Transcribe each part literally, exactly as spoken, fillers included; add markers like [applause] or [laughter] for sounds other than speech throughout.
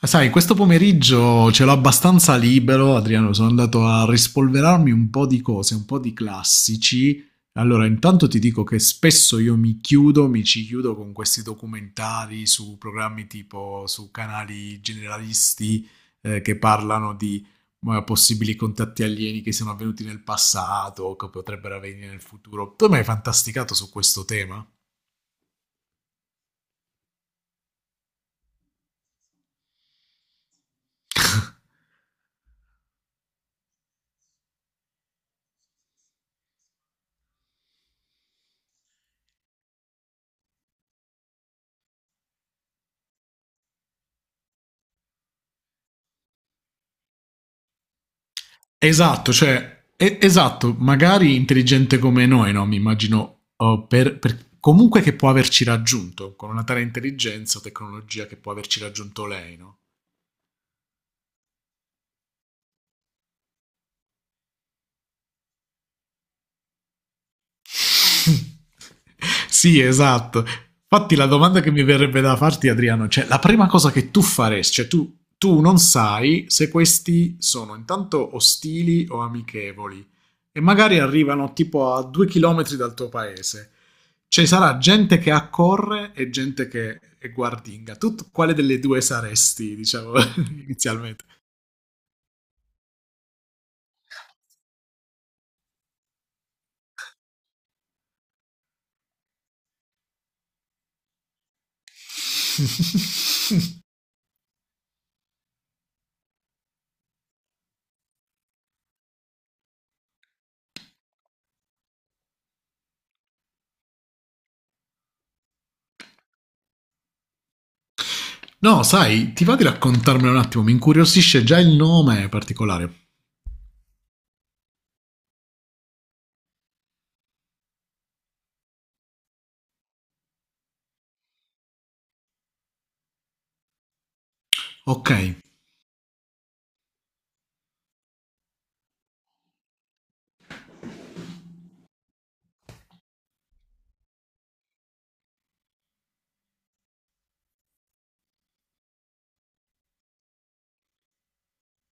Ah, sai, questo pomeriggio ce l'ho abbastanza libero, Adriano, sono andato a rispolverarmi un po' di cose, un po' di classici. Allora, intanto ti dico che spesso io mi chiudo, mi ci chiudo con questi documentari su programmi tipo su canali generalisti eh, che parlano di eh, possibili contatti alieni che siano avvenuti nel passato o che potrebbero avvenire nel futuro. Tu mi hai fantasticato su questo tema? [laughs] Esatto, cioè, e- esatto, magari intelligente come noi, no? Mi immagino, oh, per, per- comunque che può averci raggiunto, con una tale intelligenza o tecnologia che può averci raggiunto lei, no? [laughs] Sì, esatto. Infatti la domanda che mi verrebbe da farti, Adriano, cioè la prima cosa che tu faresti, cioè tu, tu non sai se questi sono intanto ostili o amichevoli e magari arrivano tipo a due chilometri dal tuo paese. Ci sarà gente che accorre e gente che è guardinga. Tu quale delle due saresti, diciamo, [laughs] inizialmente? [laughs] No, sai, ti va di raccontarmelo un attimo, mi incuriosisce già il nome particolare. Ok,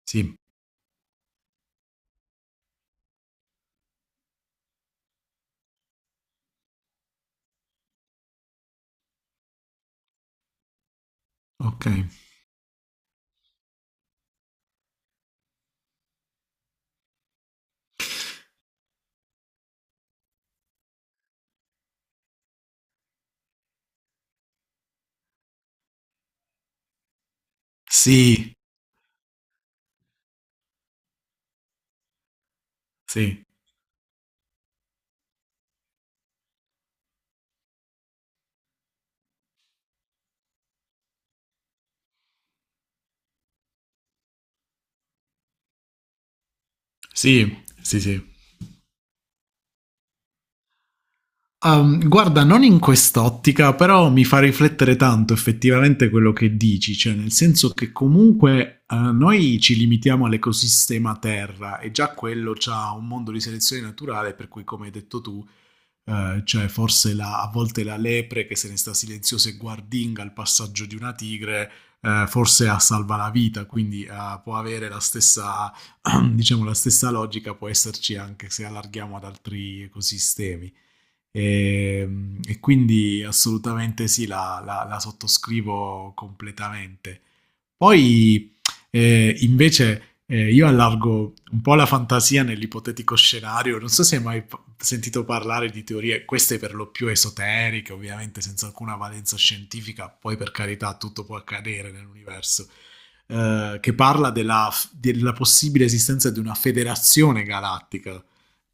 sì, ok. Sì, sì, sì, sì, sì. Um, guarda, non in quest'ottica, però mi fa riflettere tanto effettivamente quello che dici, cioè nel senso che comunque eh, noi ci limitiamo all'ecosistema Terra e già quello ha un mondo di selezione naturale, per cui come hai detto tu, eh, cioè forse la- a volte la lepre che se ne sta silenziosa e guardinga al passaggio di una tigre, eh, forse a salva la vita, quindi eh, può avere la stessa, [clears throat] diciamo, la stessa logica, può esserci anche se allarghiamo ad altri ecosistemi. E, e quindi assolutamente sì, la, la- la sottoscrivo completamente. Poi eh, invece eh, io allargo un po' la fantasia nell'ipotetico scenario. Non so se hai mai p- sentito parlare di teorie, queste per lo più esoteriche, ovviamente senza alcuna valenza scientifica, poi per carità tutto può accadere nell'universo, eh, che parla della, della possibile esistenza di una federazione galattica.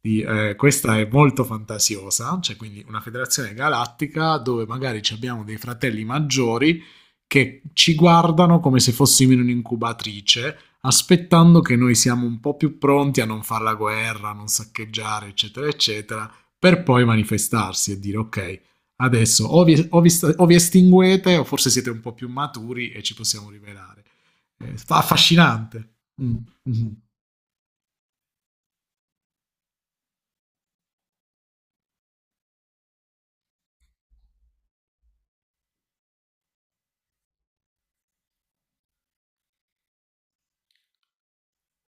di, eh, Questa è molto fantasiosa, cioè quindi una federazione galattica dove magari ci abbiamo dei fratelli maggiori che ci guardano come se fossimo in un'incubatrice, aspettando che noi siamo un po' più pronti a non fare la guerra, a non saccheggiare, eccetera, eccetera, per poi manifestarsi e dire ok, adesso o vi, o vi, o vi estinguete o forse siete un po' più maturi e ci possiamo rivelare. Eh, affascinante. Mm, mm.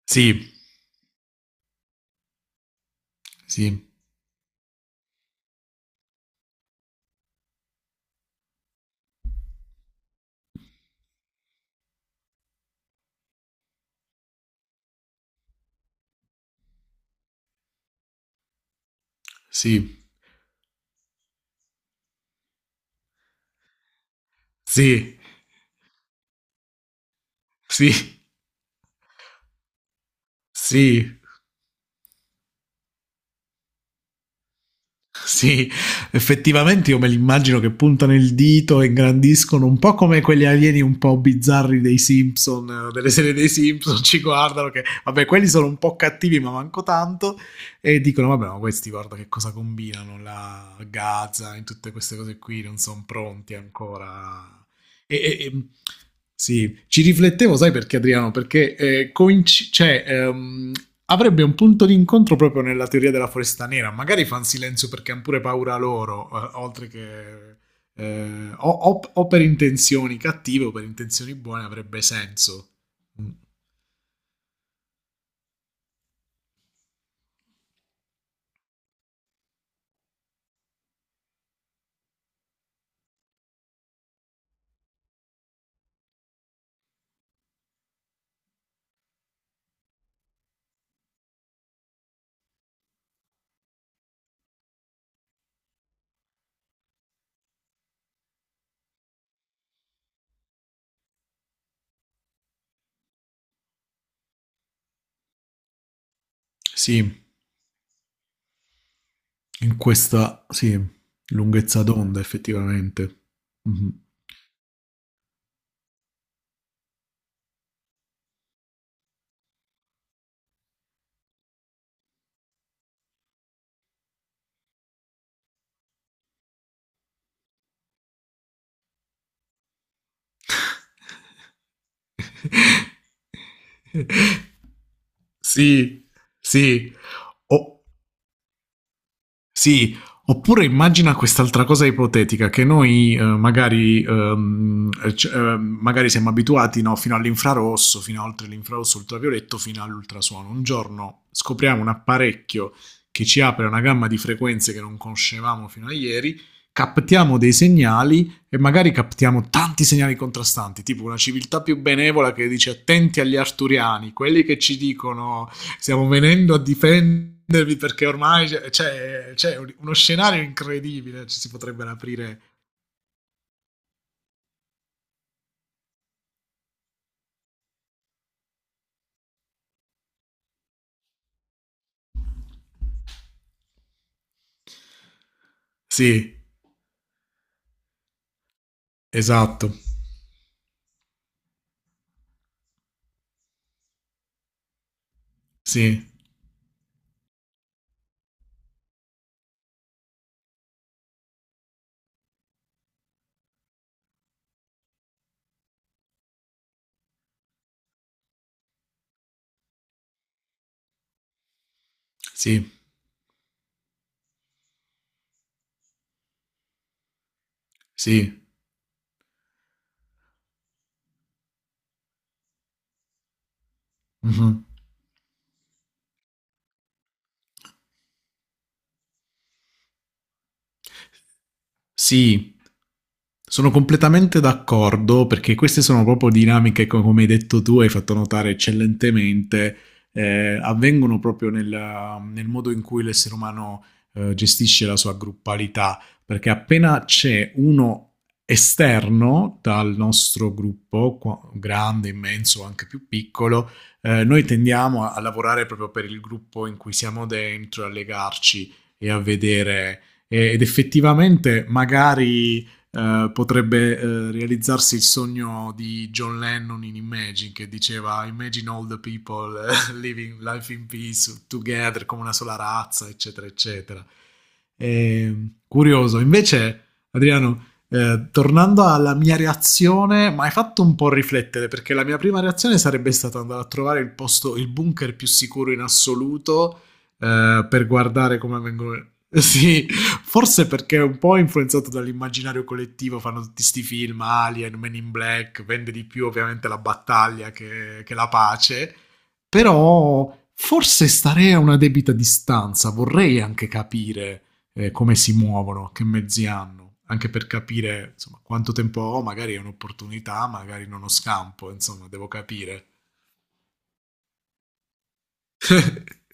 Sì, sì, sì, sì. Sì, sì, sì, effettivamente io me li immagino che puntano il dito e ingrandiscono un po' come quegli alieni un po' bizzarri dei Simpson, eh, delle serie dei Simpson, ci guardano che vabbè quelli sono un po' cattivi ma manco tanto e dicono vabbè ma questi guarda che cosa combinano, la Gaza e tutte queste cose qui non sono pronti ancora. E, e- e- sì, ci riflettevo, sai perché Adriano? Perché eh, coinc- cioè, ehm, avrebbe un punto di incontro proprio nella teoria della foresta nera. Magari fanno silenzio perché hanno pure paura loro, eh, oltre che... eh, o, o- o per intenzioni cattive o per intenzioni buone avrebbe senso. Mm. Sì, in questa sì, lunghezza d'onda effettivamente. Mhm. Sì, sì. O- sì, oppure immagina quest'altra cosa ipotetica che noi eh, magari, ehm, c- eh, magari siamo abituati no, fino all'infrarosso, fino a oltre l'infrarosso ultravioletto, fino all'ultrasuono. Un giorno scopriamo un apparecchio che ci apre una gamma di frequenze che non conoscevamo fino a ieri, captiamo dei segnali e magari captiamo tanti segnali contrastanti, tipo una civiltà più benevola che dice attenti agli arturiani, quelli che ci dicono stiamo venendo a difendervi perché ormai c'è, c'è, c'è uno scenario incredibile, ci si potrebbero aprire. Sì, esatto, sì, sì, sì. Mm-hmm. Sì, sono completamente d'accordo perché queste sono proprio dinamiche, co- come hai detto tu, hai fatto notare eccellentemente, eh, avvengono proprio nel, nel modo in cui l'essere umano eh, gestisce la sua gruppalità, perché appena c'è uno esterno dal nostro gruppo, qua- grande, immenso o anche più piccolo, eh, noi tendiamo a, a lavorare proprio per il gruppo in cui siamo dentro, a legarci e a vedere ed effettivamente magari eh, potrebbe eh, realizzarsi il sogno di John Lennon in Imagine che diceva Imagine all the people uh, [laughs] living life in peace together come una sola razza eccetera eccetera e, curioso invece Adriano eh, tornando alla mia reazione, mi hai fatto un po' riflettere perché la mia prima reazione sarebbe stata andare a trovare il posto, il bunker più sicuro in assoluto eh, per guardare come vengono. [laughs] Sì, forse perché è un po' influenzato dall'immaginario collettivo, fanno tutti questi film, Alien, Men in Black, vende di più ovviamente la battaglia che, che la pace, però forse starei a una debita distanza, vorrei anche capire eh, come si muovono, che mezzi hanno, anche per capire insomma, quanto tempo ho, magari è un'opportunità, magari non ho scampo, insomma, devo capire. [laughs]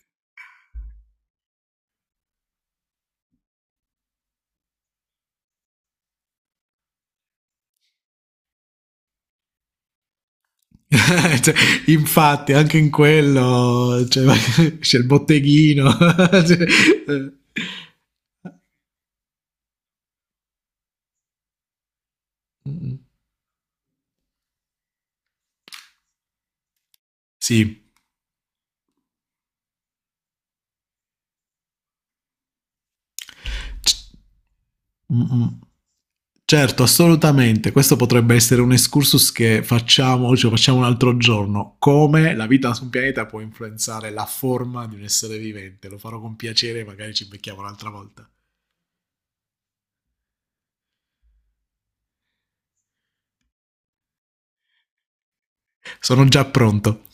[laughs] Cioè, infatti, anche in quello cioè, [laughs] c'è il botteghino. [laughs] Cioè, eh, sì, C- mm, mm. Certo, assolutamente. Questo potrebbe essere un excursus che facciamo, ce lo facciamo un altro giorno. Come la vita su un pianeta può influenzare la forma di un essere vivente. Lo farò con piacere, magari ci becchiamo un'altra volta. Sono già pronto.